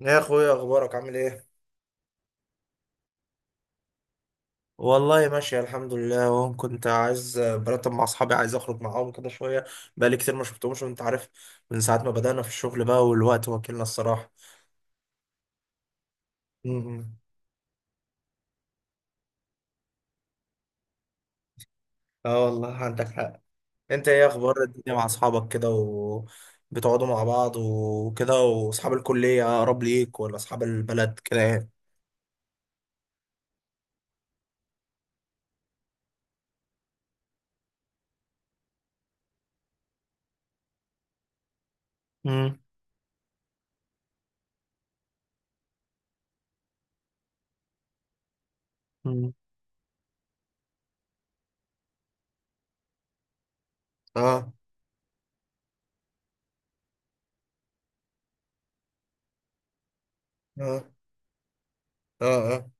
يا اخويا، اخبارك عامل ايه؟ والله ماشي الحمد لله، اهو كنت عايز برتب مع اصحابي، عايز اخرج معاهم كده شويه. بقالي كتير ما شفتهمش وانت عارف. من ساعه ما بدأنا في الشغل بقى والوقت واكلنا الصراحه. امم. اه، والله عندك حق. انت ايه اخبار الدنيا مع اصحابك كده، وبتقعدوا مع بعض وكده، واصحاب الكليه اقرب ليك ولا اصحاب البلد كده يعني؟ امم. امم. اه. اه. اه. اه.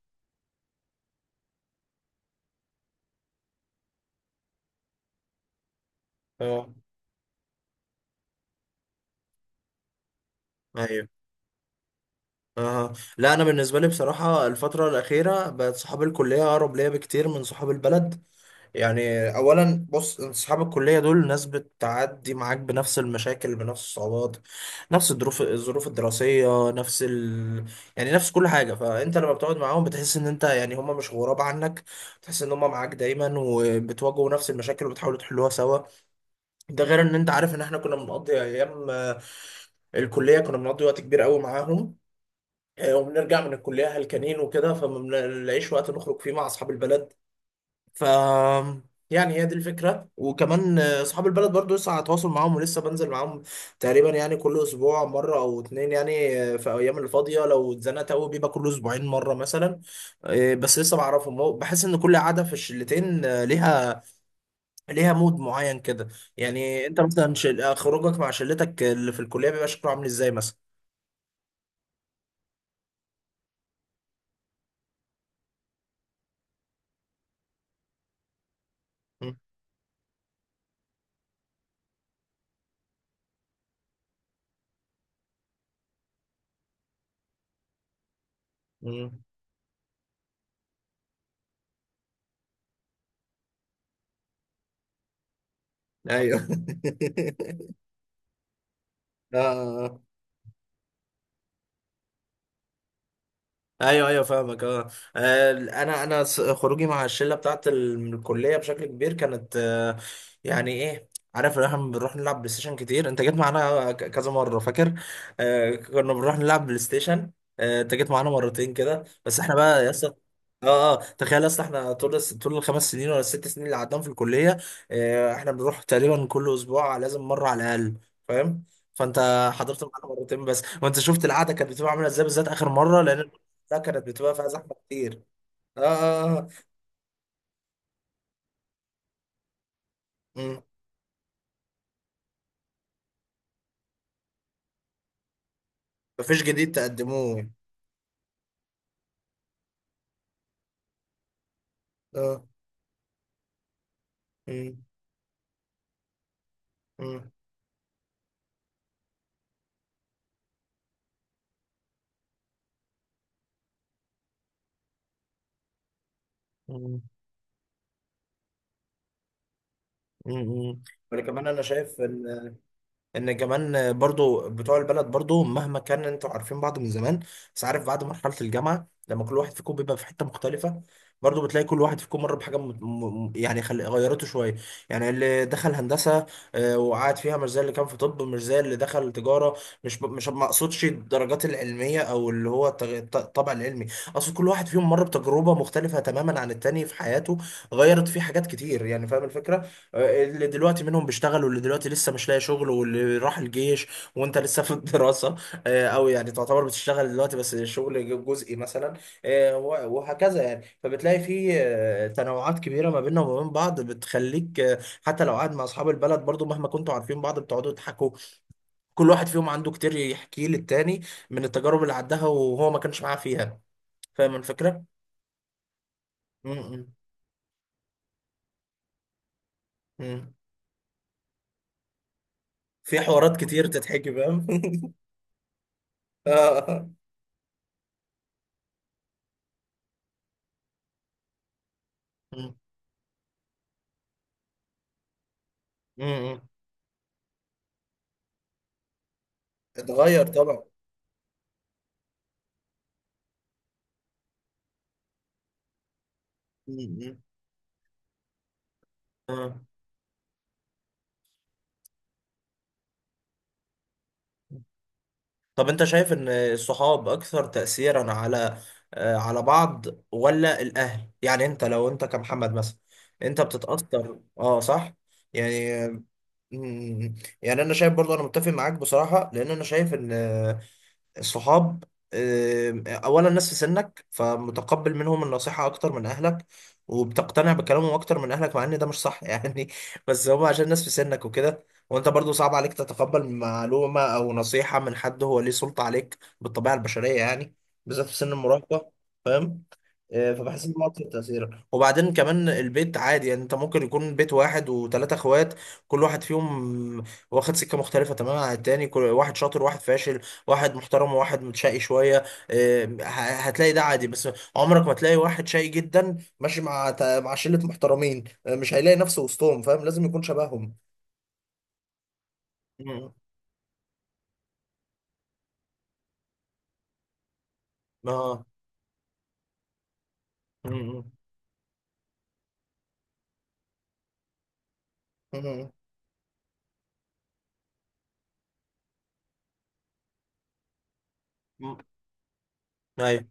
اه. ايوه. أها، لا، أنا بالنسبة لي بصراحة الفترة الأخيرة بقت صحاب الكلية أقرب ليا بكتير من صحاب البلد يعني. أولا بص، أنت صحاب الكلية دول ناس بتعدي معاك بنفس المشاكل، بنفس الصعوبات، نفس الظروف الدراسية، يعني نفس كل حاجة. فأنت لما بتقعد معاهم بتحس إن أنت يعني هما مش غراب عنك، بتحس إن هما معاك دايما وبتواجهوا نفس المشاكل وبتحاولوا تحلوها سوا. ده غير إن أنت عارف إن إحنا كنا بنقضي أيام، الكلية كنا بنقضي وقت كبير قوي معاهم. وبنرجع من الكلية هلكانين وكده، فما بنلاقيش وقت نخرج فيه مع أصحاب البلد. ف يعني هي دي الفكرة. وكمان أصحاب البلد برضو لسه على تواصل معاهم ولسه بنزل معاهم تقريبا، يعني كل أسبوع مرة أو اتنين يعني، في أيام الفاضية لو اتزنقت أوي بيبقى كل أسبوعين مرة مثلا. بس لسه بعرفهم، بحس إن كل قعدة في الشلتين ليها، ليها مود معين كده. يعني أنت مثلا خروجك مع شلتك اللي في الكلية بيبقى شكله عامل إزاي مثلا؟ مم. مم. أيوه آه، آه، آه. ايوه، ايوه، فاهمك، اه. انا خروجي مع الشله بتاعت من الكليه بشكل كبير كانت. يعني ايه؟ عارف إن احنا بنروح نلعب بلاي ستيشن كتير، انت جيت معانا كذا مره فاكر. كنا بنروح نلعب بلاي ستيشن. انت جيت معانا مرتين كده بس. احنا بقى يا اسطى، اه، اه، تخيل يا اسطى احنا طول الـ5 سنين ولا الـ6 سنين اللي قعدناهم في الكليه. احنا بنروح تقريبا كل اسبوع لازم مره على الاقل، فاهم؟ فانت حضرت معانا مرتين بس، وانت شفت القعده كانت بتبقى عامله ازاي بالذات اخر مره، لان. لا كانت بتبقى فيها زحمة كتير. اه، اه، آه. مم. مفيش جديد تقدموه. اه. مم. مم. مم. مم. مم. ولا كمان انا شايف ان كمان برضو بتوع البلد برضو مهما كان انتوا عارفين بعض من زمان، بس عارف بعد مرحلة الجامعة لما كل واحد فيكم بيبقى في حتة مختلفة، برضو بتلاقي كل واحد فيكم مر بحاجة، يعني غيرته شوية. يعني اللي دخل هندسة وقعد فيها مش زي اللي كان في طب، مش زي اللي دخل تجارة. مش ما اقصدش الدرجات العلمية او اللي هو الطبع العلمي، اقصد كل واحد فيهم مر بتجربة مختلفة تماما عن التاني في حياته، غيرت فيه حاجات كتير، يعني فاهم الفكرة. اللي دلوقتي منهم بيشتغل، واللي دلوقتي لسه مش لاقي شغل، واللي راح الجيش، وانت لسه في الدراسة، او يعني تعتبر بتشتغل دلوقتي بس شغل جزئي مثلا، وهكذا يعني. فبتلاقي في تنوعات كبيرة ما بيننا وما بين بعض، بتخليك حتى لو قاعد مع اصحاب البلد برضو مهما كنتوا عارفين بعض بتقعدوا تضحكوا. كل واحد فيهم عنده كتير يحكيه للتاني من التجارب اللي عداها وهو ما كانش معاه فيها. فاهم الفكرة؟ م. م. م. في حوارات كتير تتحكي، فاهم؟ آه. م. م. م. اتغير طبعا. مم. آه. طب انت شايف ان الصحاب اكثر تأثيرا على بعض، ولا الاهل؟ يعني انت، لو انت كمحمد مثلا، انت بتتأثر، اه، صح؟ يعني. مم. يعني انا شايف برضو، انا متفق معاك بصراحة، لان انا شايف ان صحاب، اولا ناس في سنك فمتقبل منهم النصيحة اكتر من اهلك، وبتقتنع بكلامهم اكتر من اهلك، مع ان ده مش صح يعني. بس هم عشان ناس في سنك وكده. وانت برضو صعب عليك تتقبل معلومة او نصيحة من حد هو ليه سلطة عليك، بالطبيعة البشرية يعني، بالذات في سن المراهقة. فبحس ان هو اكتر تاثيرا. وبعدين كمان البيت عادي، يعني انت ممكن يكون بيت واحد وثلاثه اخوات، كل واحد فيهم واخد سكه مختلفه تماما عن التاني، كل واحد شاطر، واحد فاشل، واحد محترم، وواحد متشقي شويه. آه، ه- هتلاقي ده عادي. بس عمرك ما تلاقي واحد شقي جدا ماشي مع مع شله محترمين، مش هيلاقي نفسه وسطهم، فاهم؟ لازم يكون شبههم. م. اه. م. م. م. م. ايوه،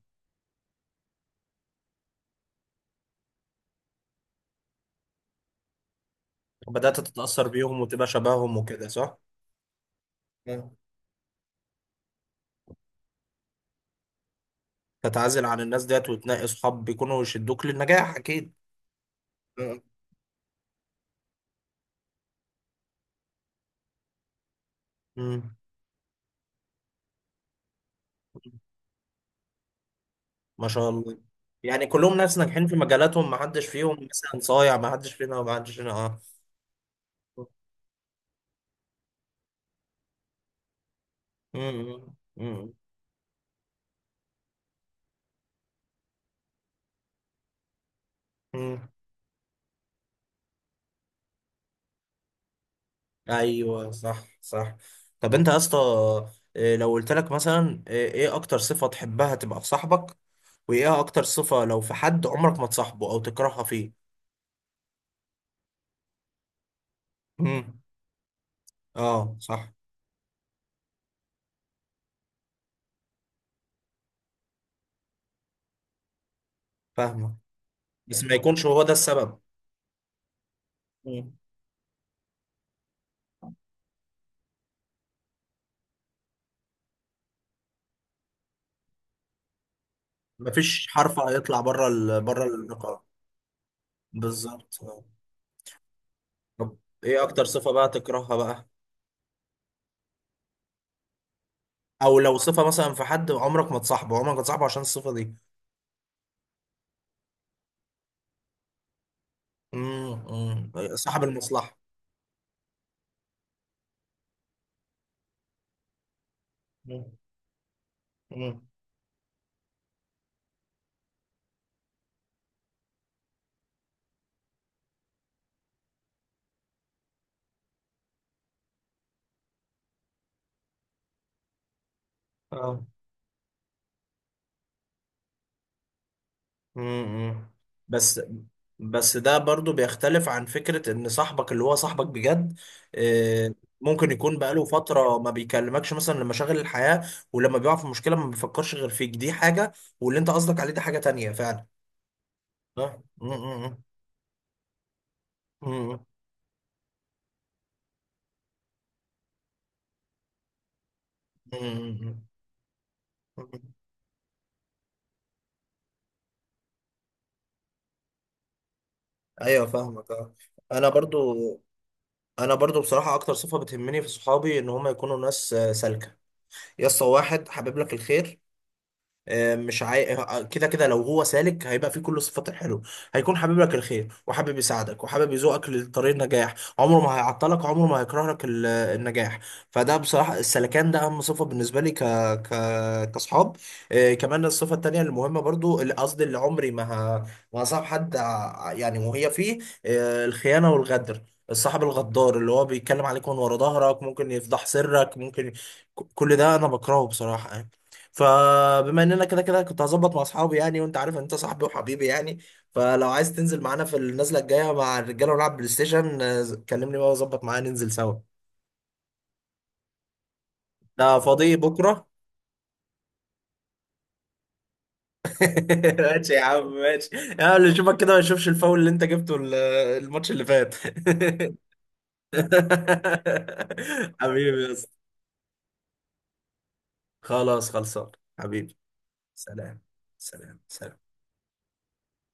بدأت تتأثر بيهم وتبقى شبههم وكده، صح؟ تتعزل عن الناس ديت وتنقي صحاب بيكونوا يشدوك للنجاح، اكيد. آه. مم. ما شاء الله. يعني كلهم ناس ناجحين في مجالاتهم، ما حدش فيهم مثلا صايع، ما حدش فينا اه. مم. مم. مم. ايوه، صح، صح. طب انت يا اسطى، لو قلت لك مثلا، ايه اكتر صفة تحبها تبقى في صاحبك، وايه اكتر صفة لو في حد عمرك ما تصاحبه او تكرهها فيه؟ مم. اه، صح. فاهمك. بس ما يكونش هو ده السبب. مفيش حرف هيطلع بره النقاط. بالظبط، آه. طب ايه اكتر صفة بقى تكرهها بقى؟ او لو صفة مثلا في حد عمرك ما تصاحبه عشان الصفة دي؟ امم، صاحب المصلحة. مم. مم. اه. امم. بس بس ده برضو بيختلف عن فكرة ان صاحبك اللي هو صاحبك بجد. آه، ممكن يكون بقاله فترة ما بيكلمكش مثلا لمشاغل الحياة، ولما بيقع في مشكلة ما بيفكرش غير فيك، دي حاجة. واللي انت قصدك عليه ده حاجة تانية فعلا، صح؟ م. م. م. م. م. م. م. ايوه، فاهمك، اه. انا برضو انا برضو بصراحه اكتر صفه بتهمني في صحابي ان هم يكونوا ناس سالكه، يا اسطى، واحد حابب لك الخير. آه، مش عاي... آه، كده كده لو هو سالك، هيبقى فيه كل صفات الحلو. هيكون حابب لك الخير، وحابب يساعدك، وحابب يزوقك لطريق النجاح، عمره ما هيعطلك، عمره ما هيكره لك النجاح. فده بصراحة السلكان ده أهم صفة بالنسبة لي ك... كأصحاب. كمان الصفة التانية المهمة برضو، قصدي اللي عمري ما، ه... ما هصاحب حد يعني وهي فيه، الخيانة والغدر. الصاحب الغدار اللي هو بيتكلم عليك من ورا ظهرك، ممكن يفضح سرك، ممكن، كل ده أنا بكرهه بصراحة. فبما اننا كده كده كنت هظبط مع اصحابي يعني، وانت عارف انت صاحبي وحبيبي يعني، فلو عايز تنزل معانا في النزله الجايه مع الرجاله ونلعب بلاي ستيشن، كلمني بقى واظبط معانا ننزل سوا. ده فاضي بكره. ماشي يا عم، ماشي. يا اللي يشوفك كده ما يشوفش الفاول اللي انت جبته، الماتش اللي فات. حبيبي يا اسطى. خلاص خلصان. حبيبي. سلام. سلام. سلام.